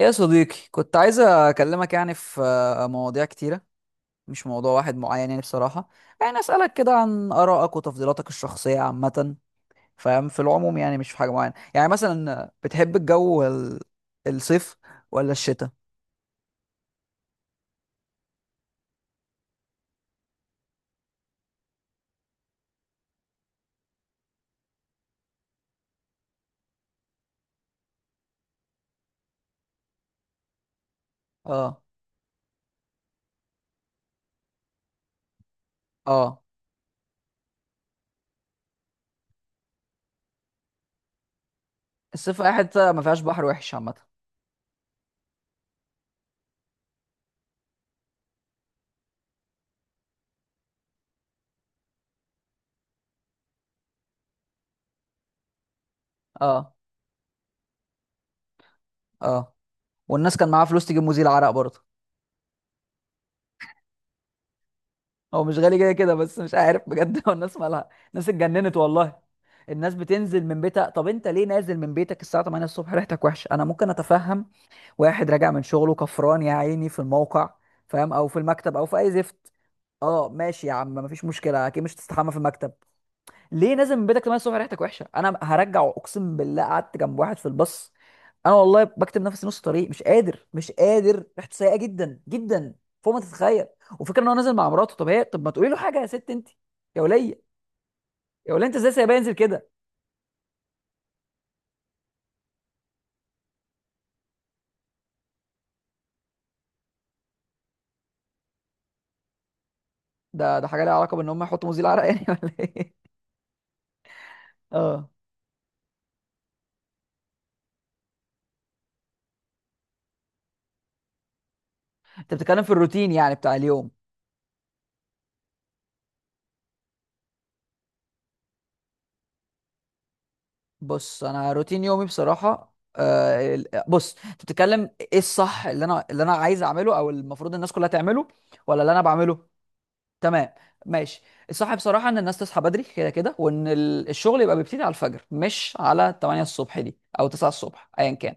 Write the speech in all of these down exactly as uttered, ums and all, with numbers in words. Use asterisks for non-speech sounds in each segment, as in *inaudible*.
يا صديقي، كنت عايز اكلمك يعني في آه، مواضيع كتيرة. مش موضوع واحد معين يعني بصراحة. يعني اسألك كده عن آرائك وتفضيلاتك الشخصية عامة، فاهم؟ في العموم يعني، مش في حاجة معينة، يعني مثلا بتحب الجو ال- الصيف ولا الشتاء؟ اه، اه. الصيف اي حتة ما فيهاش بحر وحش عامة. اه، اه. والناس كان معاها فلوس تجيب مزيل عرق برضه. هو مش غالي كده كده، بس مش عارف بجد *laughs* هو الناس مالها؟ الناس اتجننت والله. الناس بتنزل من بيتها، طب انت ليه نازل من بيتك الساعه الثامنة الصبح ريحتك وحشه؟ انا ممكن اتفهم واحد راجع من شغله كفران يا عيني في الموقع، فاهم؟ او في المكتب او في اي زفت. اه ماشي يا عم، مفيش مشكله، اكيد مش هتستحمى في المكتب. ليه نازل من بيتك تمانية الصبح ريحتك وحشه؟ انا هرجع اقسم بالله، قعدت جنب واحد في الباص. انا والله بكتب نفسي نص طريق، مش قادر، مش قادر، ريحته سيئه جدا جدا، فوق ما تتخيل. وفكره ان هو نازل مع مراته، طب هي طب ما تقولي له حاجه؟ يا ست انت، يا وليه. يا وليه، انت ازاي سايباه ينزل كده؟ ده ده حاجه ليها علاقه بان هم يحطوا مزيل عرق يعني *laughs* ولا ايه؟ اه، انت بتتكلم في الروتين يعني بتاع اليوم. بص، انا روتين يومي بصراحه، آه ال- بص انت بتتكلم ايه الصح؟ اللي انا اللي انا عايز اعمله، او المفروض الناس كلها تعمله، ولا اللي انا بعمله؟ تمام، ماشي. الصح بصراحة إن الناس تصحى بدري كده كده، وإن ال- الشغل يبقى بيبتدي على الفجر، مش على تمانية الصبح دي أو تسعة الصبح أيا كان.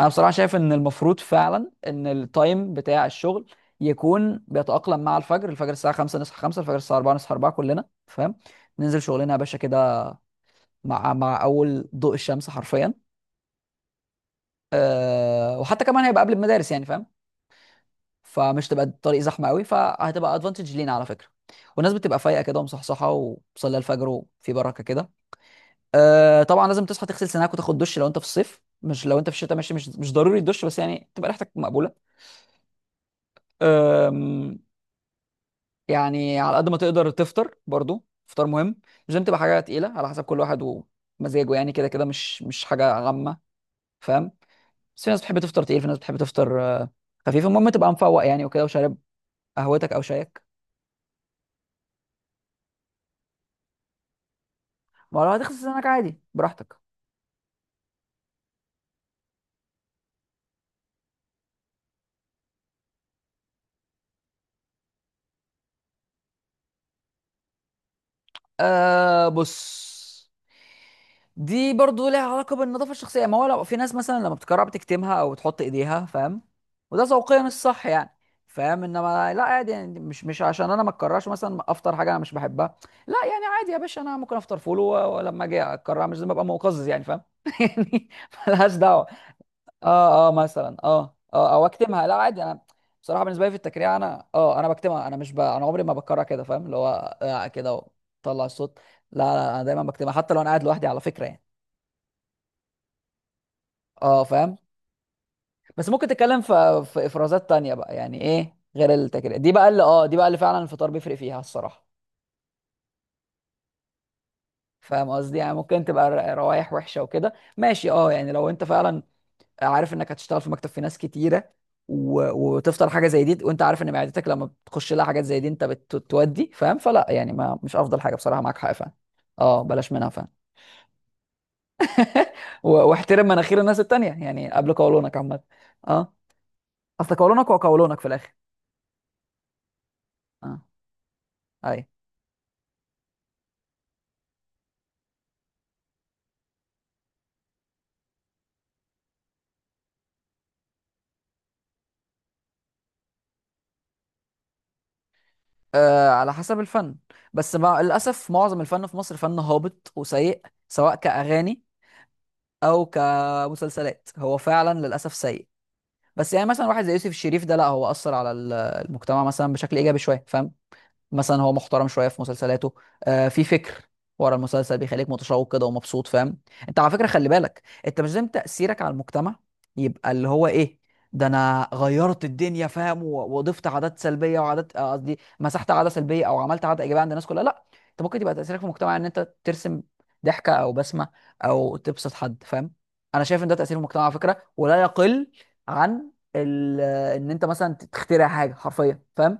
أنا بصراحة شايف إن المفروض فعلا إن التايم بتاع الشغل يكون بيتأقلم مع الفجر. الفجر الساعة خمسة، نصحى خمسة، الفجر الساعة اربعة، نصحى اربعة، كلنا فاهم. ننزل شغلنا يا باشا كده، مع مع أول ضوء الشمس حرفيا. أه، وحتى كمان هيبقى قبل المدارس يعني، فاهم؟ فمش تبقى الطريق زحمه قوي، فهتبقى ادفانتج لينا على فكره. والناس بتبقى فايقه كده ومصحصحه، وبتصلي الفجر وفي بركه كده. أه طبعا لازم تصحى، تغسل سنانك وتاخد دش لو انت في الصيف. مش لو انت في الشتاء، ماشي، مش مش ضروري الدش، بس يعني تبقى ريحتك مقبوله. أم، يعني على قد ما تقدر تفطر برضو، فطار مهم. مش لازم تبقى حاجه تقيله، على حسب كل واحد ومزاجه يعني. كده كده مش مش حاجه غامه، فاهم؟ بس في ناس بتحب تفطر تقيل، في ناس بتحب تفطر آه، خفيف. المهم تبقى مفوق يعني، وكده، وشارب قهوتك او شايك. ما لو هتغسل سنانك عادي براحتك. آه بص، دي برضو لها علاقة بالنظافة الشخصية. ما هو لو في ناس مثلا لما بتكرر بتكتمها أو بتحط إيديها، فاهم؟ وده ذوقيا الصح يعني، فاهم؟ انما لا عادي يعني، مش مش عشان انا ما اتكررش، مثلا افطر حاجه انا مش بحبها، لا يعني. عادي يا باشا، انا ممكن افطر فول و- ولما اجي اكررها مش لازم ابقى مقزز يعني، فاهم؟ *laughs* يعني ملهاش دعوه. اه اه مثلا، اه اه او اكتمها. لا عادي انا، بصراحه بالنسبه لي في التكريع، انا اه انا بكتمها. انا مش ب... انا عمري ما بكرر كده، فاهم؟ اللي هو آه كده وطلع الصوت. لا لا انا دايما بكتمها، حتى لو انا قاعد لوحدي على فكره يعني. اه فاهم. بس ممكن تتكلم في في افرازات تانية بقى يعني، ايه غير التكريع دي بقى؟ اللي اه دي بقى اللي فعلا الفطار بيفرق فيها الصراحه. فاهم قصدي؟ يعني ممكن تبقى ر- روايح وحشه وكده، ماشي. اه يعني لو انت فعلا عارف انك هتشتغل في مكتب في ناس كتيره، و... وتفطر حاجه زي دي، وانت عارف ان معدتك لما بتخش لها حاجات زي دي انت بتودي، فاهم؟ فلا يعني، ما مش افضل حاجه بصراحه، معاك حق فاهم. اه بلاش منها، فاهم؟ *laughs* و... واحترم مناخير الناس التانيه يعني، قبل قولونك عامه. اه. اصل قولونك هو قولونك في الاخر. اه، اي. آه على حسب الفن، بس مع... للاسف معظم الفن في مصر فن هابط وسيء، سواء كاغاني او كمسلسلات. هو فعلا للاسف سيء. بس يعني مثلا واحد زي يوسف الشريف ده، لا هو اثر على ال- المجتمع مثلا بشكل ايجابي شويه، فاهم؟ مثلا هو محترم شويه في مسلسلاته، آه في فكر ورا المسلسل، بيخليك متشوق كده ومبسوط، فاهم؟ انت على فكره خلي بالك، انت مش لازم تاثيرك على المجتمع يبقى اللي هو ايه، ده انا غيرت الدنيا، فاهم؟ و- وضفت عادات سلبيه وعادات آه، قصدي مسحت عاده سلبيه او عملت عاده ايجابيه عند الناس كلها، لا. انت ممكن تبقى تاثيرك في المجتمع ان انت ترسم ضحكه او بسمه، او تبسط حد، فاهم؟ انا شايف ان ده تاثير المجتمع على فكره، ولا يقل عن ال- ان انت مثلا تخترع حاجه حرفيا، فاهم؟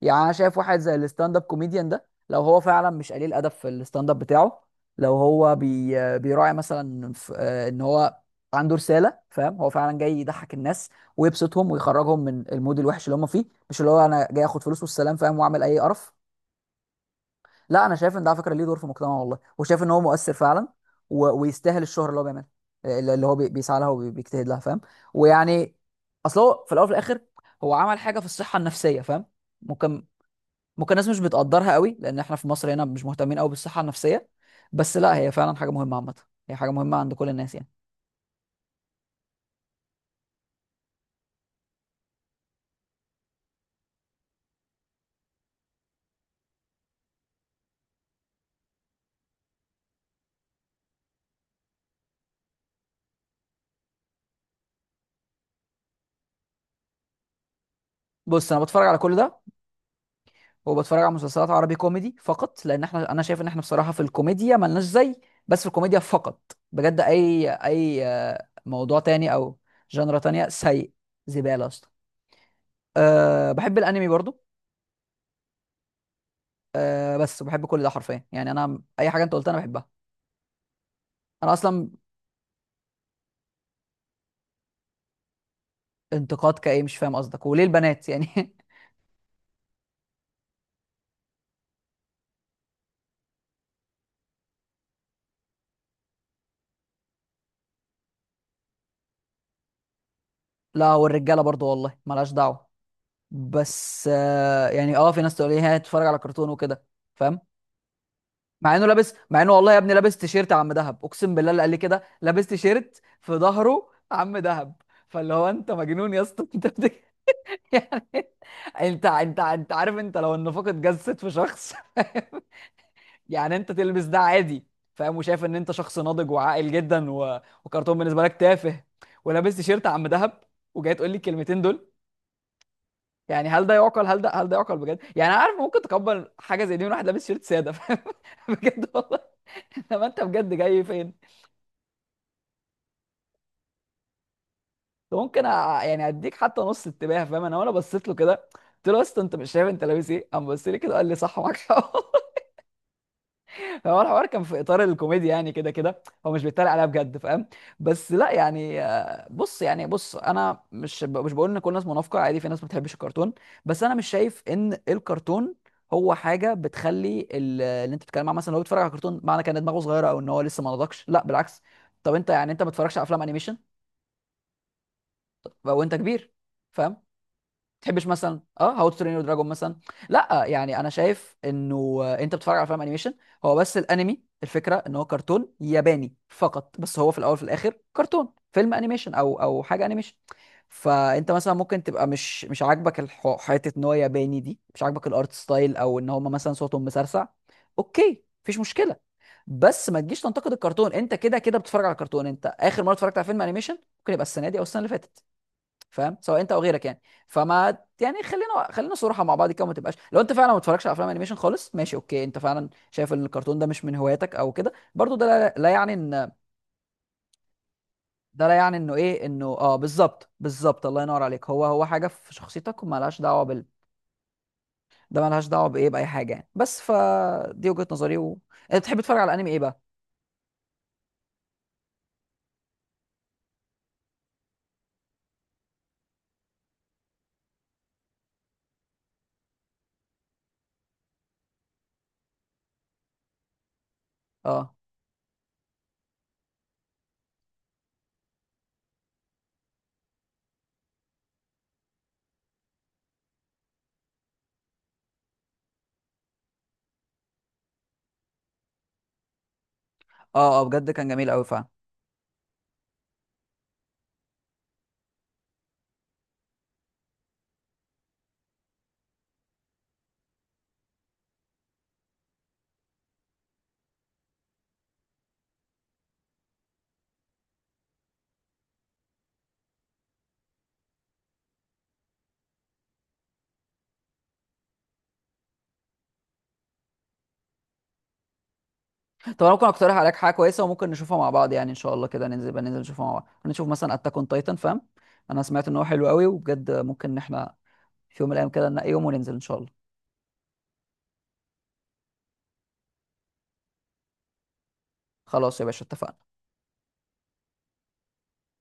يعني انا شايف واحد زي الستاند اب كوميديان ده، لو هو فعلا مش قليل ادب في الستاند اب بتاعه، لو هو بي بيراعي مثلا ف- آه، ان هو عنده رساله، فاهم؟ هو فعلا جاي يضحك الناس ويبسطهم ويخرجهم من المود الوحش اللي هم فيه، مش اللي هو انا جاي اخد فلوس والسلام، فاهم؟ واعمل اي قرف. لا انا شايف ان ده على فكره ليه دور في المجتمع والله، وشايف ان هو مؤثر فعلا، و- ويستاهل الشهره اللي هو بيعملها، اللي اللي هو بي- بيسعى لها وبيجتهد لها، فاهم؟ ويعني، اصل هو في الاول وفي الاخر هو عمل حاجه في الصحه النفسيه، فاهم؟ ممكن ممكن الناس مش بتقدرها قوي لان احنا في مصر هنا مش مهتمين قوي بالصحه النفسيه، بس لا هي فعلا حاجه مهمه عامه. هي حاجه مهمه عند كل الناس يعني. بص انا بتفرج على كل ده، وبتفرج على مسلسلات عربي كوميدي فقط، لان احنا، انا شايف ان احنا بصراحه في الكوميديا ملناش زي، بس في الكوميديا فقط. بجد اي اي آه، موضوع تاني او جنرا تانية سيء، زباله اصلا. أه بحب الانمي برضو. أه بس بحب كل ده حرفيا يعني، انا اي حاجه انت قلتها انا بحبها. انا اصلا انتقاد كايه؟ مش فاهم قصدك، وليه البنات يعني؟ *laughs* لا والرجاله برضو والله، ملهاش دعوه. بس آه يعني، اه في ناس تقول ايه، هتتفرج على كرتون وكده، فاهم؟ مع انه، لابس مع انه والله يا ابني لابس تيشيرت عم دهب، اقسم بالله، اللي قال لي كده لابس تيشيرت في ظهره عم دهب. فاللي هو انت مجنون يا اسطى! *laughs* انت بت- يعني انت انت انت عارف، انت لو النفاق اتجسد في شخص، *laughs* يعني انت تلبس ده عادي، فاهم؟ وشايف ان انت شخص ناضج وعاقل جدا، و... وكرتون بالنسبه لك تافه، ولابس تيشيرت عم دهب، وجاي تقول لي الكلمتين دول؟ يعني هل ده يعقل؟ هل ده هل ده يعقل بجد يعني؟ انا عارف ممكن تقبل حاجه زي دي من واحد لابس شيرت ساده، فاهم؟ *laughs* بجد والله، لما انت بجد جاي فين؟ ممكن أ... يعني اديك حتى نص انتباه، فاهم؟ انا وانا بصيت له كده قلت له يا اسطى، انت مش شايف انت لابس ايه؟ قام بص لي كده قال لي صح، معاك حق. هو الحوار كان في اطار الكوميديا يعني، كده كده هو مش بيتريق عليها بجد، فاهم؟ بس لا يعني، آه، بص يعني، بص انا مش ب- مش بقول ان كل الناس منافقه، عادي في ناس ما بتحبش الكرتون. بس انا مش شايف ان الكرتون هو حاجه بتخلي ال- اللي انت بتتكلم عنه مثلا لو بيتفرج على كرتون معنى كان دماغه صغيره او ان هو لسه ما نضجش، لا بالعكس. طب انت يعني انت ما بتتفرجش على افلام انيميشن وانت كبير، فاهم؟ تحبش مثلا اه هاو تو ترين يور دراجون مثلا؟ لا يعني انا شايف انه آه، انت بتتفرج على فيلم انيميشن. هو بس الانمي، الفكره ان هو كرتون ياباني فقط، بس هو في الاول في الاخر كرتون، فيلم انيميشن او او حاجه انيميشن. فانت مثلا ممكن تبقى مش مش عاجبك الح- حته ان هو ياباني دي، مش عاجبك الارت ستايل، او ان هم مثلا صوتهم مسرسع، اوكي مفيش مشكله. بس ما تجيش تنتقد الكرتون، انت كده كده بتتفرج على كرتون، انت اخر مره اتفرجت على فيلم انيميشن ممكن يبقى السنه دي او السنه اللي فاتت، فاهم؟ سواء انت او غيرك يعني. فما يعني، خلينا خلينا صراحه مع بعض كده، وما تبقاش، لو انت فعلا ما بتتفرجش على افلام انيميشن خالص، ماشي اوكي، انت فعلا شايف ان الكرتون ده مش من هواياتك او كده، برضو ده لا, لا يعني ان، ده لا يعني انه ايه، انه اه، بالظبط بالظبط الله ينور عليك، هو هو حاجه في شخصيتك ومالهاش دعوه بال، ده مالهاش دعوه بايه، باي حاجه يعني. بس فدي وجهه نظري و... انت بتحب تتفرج على انمي ايه بقى؟ اه اه اه بجد كان جميل قوي فعلا. طب انا ممكن اقترح عليك حاجه كويسه وممكن نشوفها مع بعض يعني، ان شاء الله كده ننزل بقى، ننزل نشوفها مع بعض، ممكن نشوف مثلا اتاك اون تايتن، فاهم؟ انا سمعت ان هو حلو قوي، وبجد ممكن ان احنا في يوم من الايام كده ننقي يوم وننزل ان شاء الله. خلاص يا باشا اتفقنا.